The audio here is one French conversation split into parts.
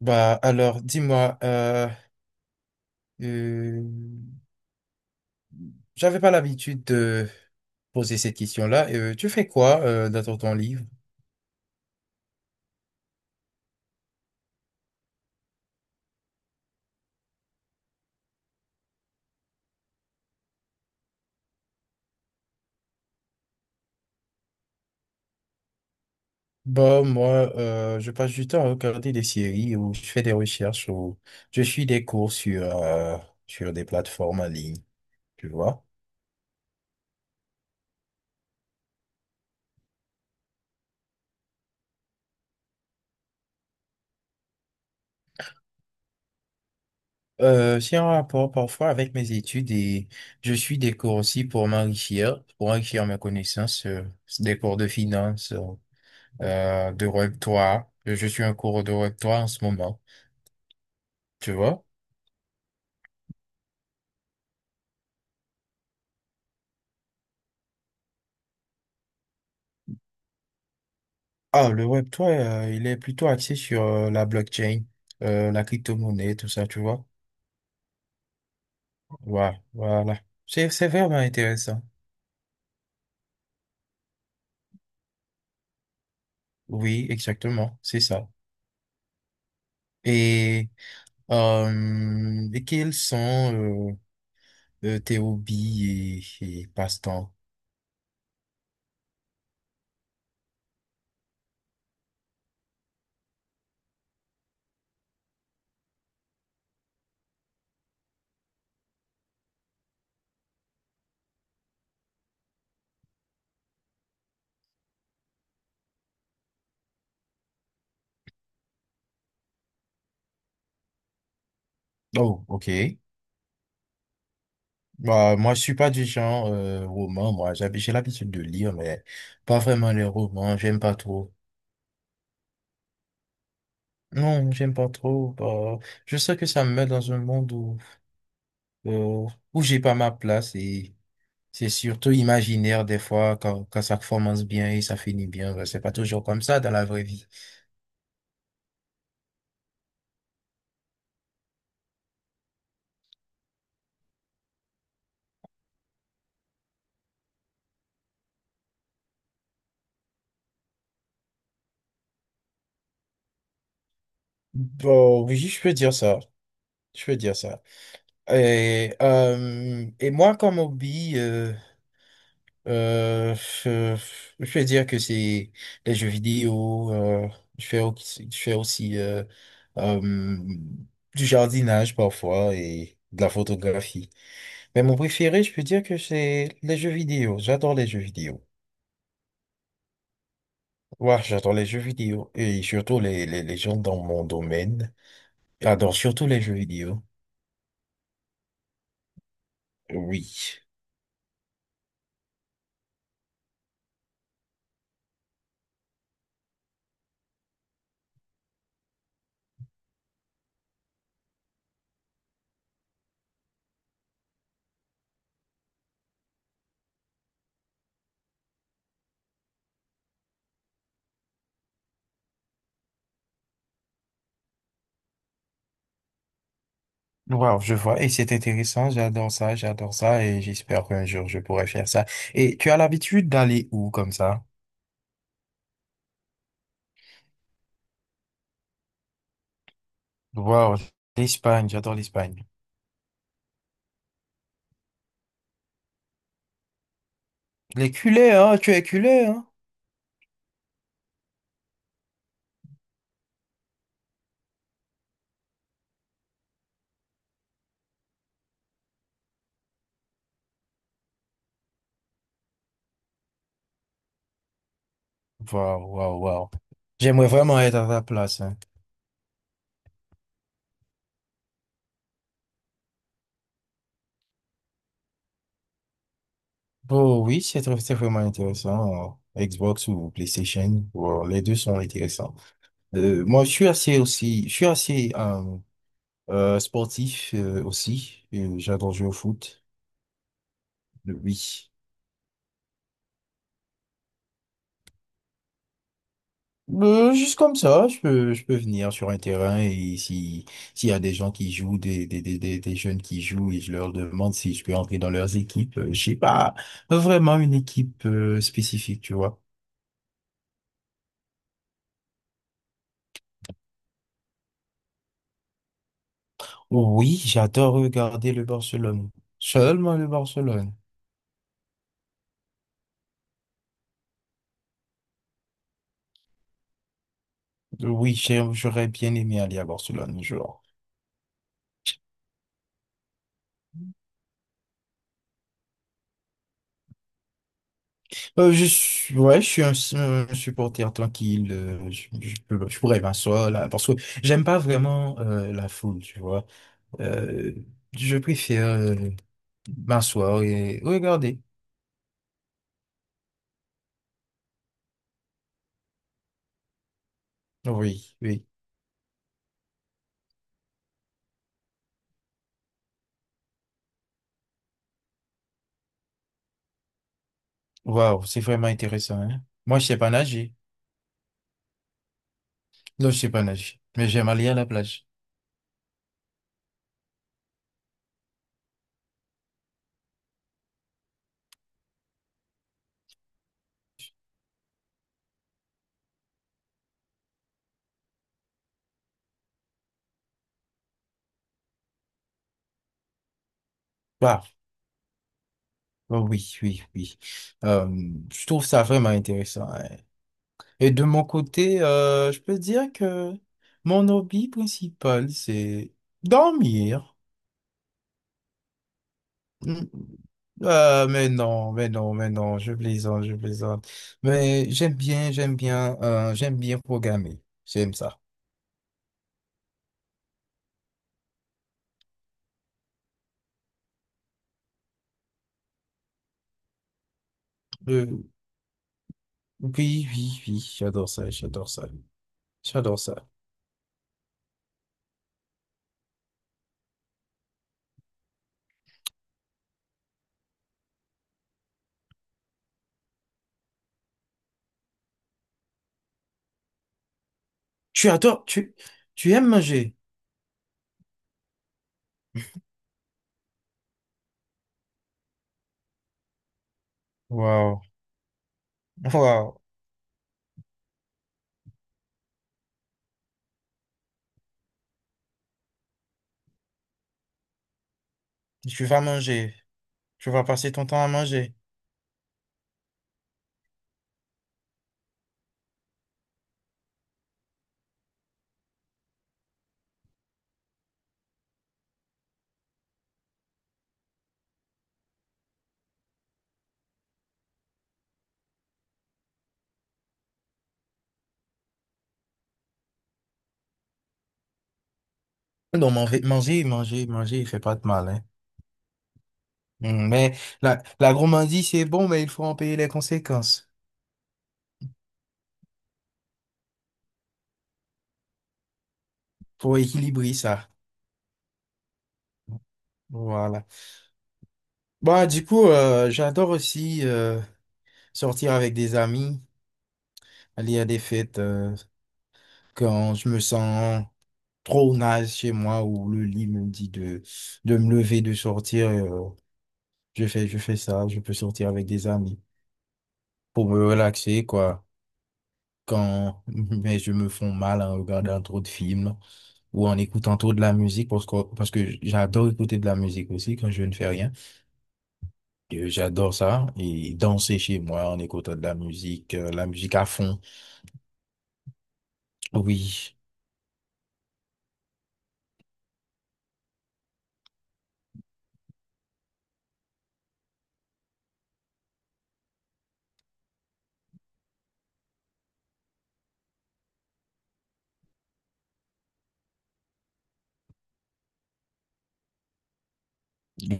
Bah alors, dis-moi, euh, j'avais pas l'habitude de poser cette question-là. Tu fais quoi dans ton temps livre? Bah moi, je passe du temps à regarder des séries ou je fais des recherches ou je suis des cours sur sur des plateformes en ligne, tu vois. C'est en rapport parfois avec mes études et je suis des cours aussi pour m'enrichir, pour enrichir mes connaissances, des cours de finance. De Web3. Je suis en cours de Web3 en ce moment, tu vois. Ah, le Web3, il est plutôt axé sur la blockchain, la crypto-monnaie, tout ça, tu vois. Voilà, voilà. C'est vraiment intéressant. Oui, exactement, c'est ça. Et, et quels sont tes hobbies et passe-temps? Oh, ok. Bah, moi, je suis pas du genre roman, moi. J'ai l'habitude de lire, mais pas vraiment les romans. J'aime pas trop. Non, j'aime pas trop. Je sais que ça me met dans un monde où, euh, où j'ai pas ma place et c'est surtout imaginaire des fois quand ça commence bien et ça finit bien. C'est pas toujours comme ça dans la vraie vie. Bon, oui, je peux dire ça. Je peux dire ça. Et moi, comme hobby, Euh, euh, je vais dire que c'est les jeux vidéo. Je fais aussi, je fais aussi euh, du jardinage parfois et de la photographie. Mais mon préféré, je peux dire que c'est les jeux vidéo. J'adore les jeux vidéo. Ouais, j'adore les jeux vidéo et surtout les gens dans mon domaine adorent surtout les jeux vidéo. Oui. Wow, je vois. Et c'est intéressant. J'adore ça, j'adore ça. Et j'espère qu'un jour, je pourrai faire ça. Et tu as l'habitude d'aller où comme ça? Wow, l'Espagne, j'adore l'Espagne. Les culés, hein? Tu es culé, hein? Waouh, waouh, waouh. J'aimerais vraiment être à ta place, hein. Oh oui, c'est vraiment intéressant. Xbox ou PlayStation, wow, les deux sont intéressants. Moi, je suis assez aussi, je suis assez sportif aussi. J'adore jouer au foot. Oui. Juste comme ça, je peux venir sur un terrain et si, s'il y a des gens qui jouent, des jeunes qui jouent et je leur demande si je peux entrer dans leurs équipes, j'ai pas vraiment une équipe spécifique, tu vois. Oui, j'adore regarder le Barcelone. Seulement le Barcelone. Oui, j'aurais bien aimé aller à Barcelone un jour. Ouais, je suis un, un supporter tranquille. Je je pourrais m'asseoir là parce que j'aime pas vraiment la foule, tu vois. Euh, je préfère m'asseoir et regarder. Oui, oui. Waouh, c'est vraiment intéressant, hein. Moi, je sais pas nager. Non, je sais pas nager, mais j'aime aller à la plage. Oh oui, oui, oui. Euh, je trouve ça vraiment intéressant, hein. Et de mon côté, je peux dire que mon hobby principal, c'est dormir. Mm. Mais non, mais non, mais non, je plaisante, je plaisante. Mais j'aime bien, j'aime bien, j'aime bien programmer. J'aime ça. Euh, oui, oui, oui, j'adore ça, j'adore ça, j'adore ça. Tu adores, tu, Tu aimes manger. Waouh, waouh. Tu vas manger. Tu vas passer ton temps à manger. Non, manger, manger, manger, il fait pas de mal, hein. Mm. Mais la gourmandise, c'est bon, mais il faut en payer les conséquences pour équilibrer ça. Voilà. Bah, du coup, j'adore aussi sortir avec des amis, aller à des fêtes quand je me sens trop naze chez moi ou le lit me dit de me lever, de sortir. Je fais, je fais ça, je peux sortir avec des amis pour me relaxer, quoi. Quand, mais je me fais mal en regardant trop de films ou en écoutant trop de la musique parce que j'adore écouter de la musique aussi quand je ne fais rien. J'adore ça et danser chez moi en écoutant de la musique à fond. Oui.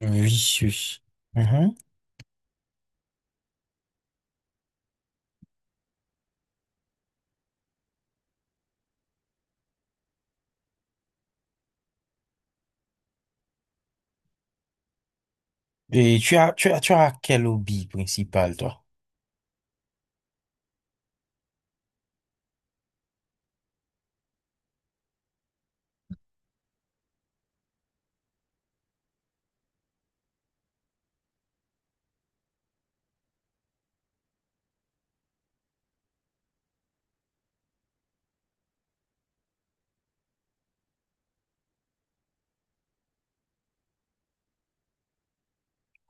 Vicious. Mhm. Et tu as quel hobby principal, toi?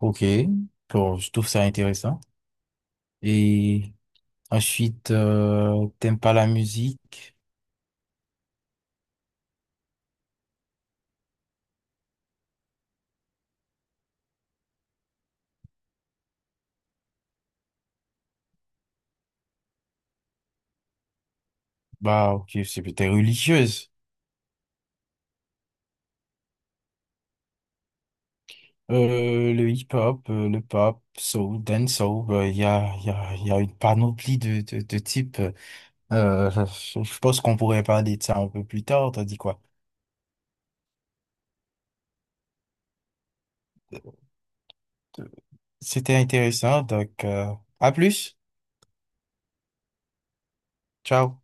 Ok. Bon, je trouve ça intéressant. Et ensuite, t'aimes pas la musique? Bah, ok, c'est peut-être religieuse. Le hip-hop, le pop, soul, dancehall, il y a une panoplie de types. Euh, je je pense qu'on pourrait parler de ça un peu plus tard, t'as dit quoi? C'était intéressant, donc à plus. Ciao.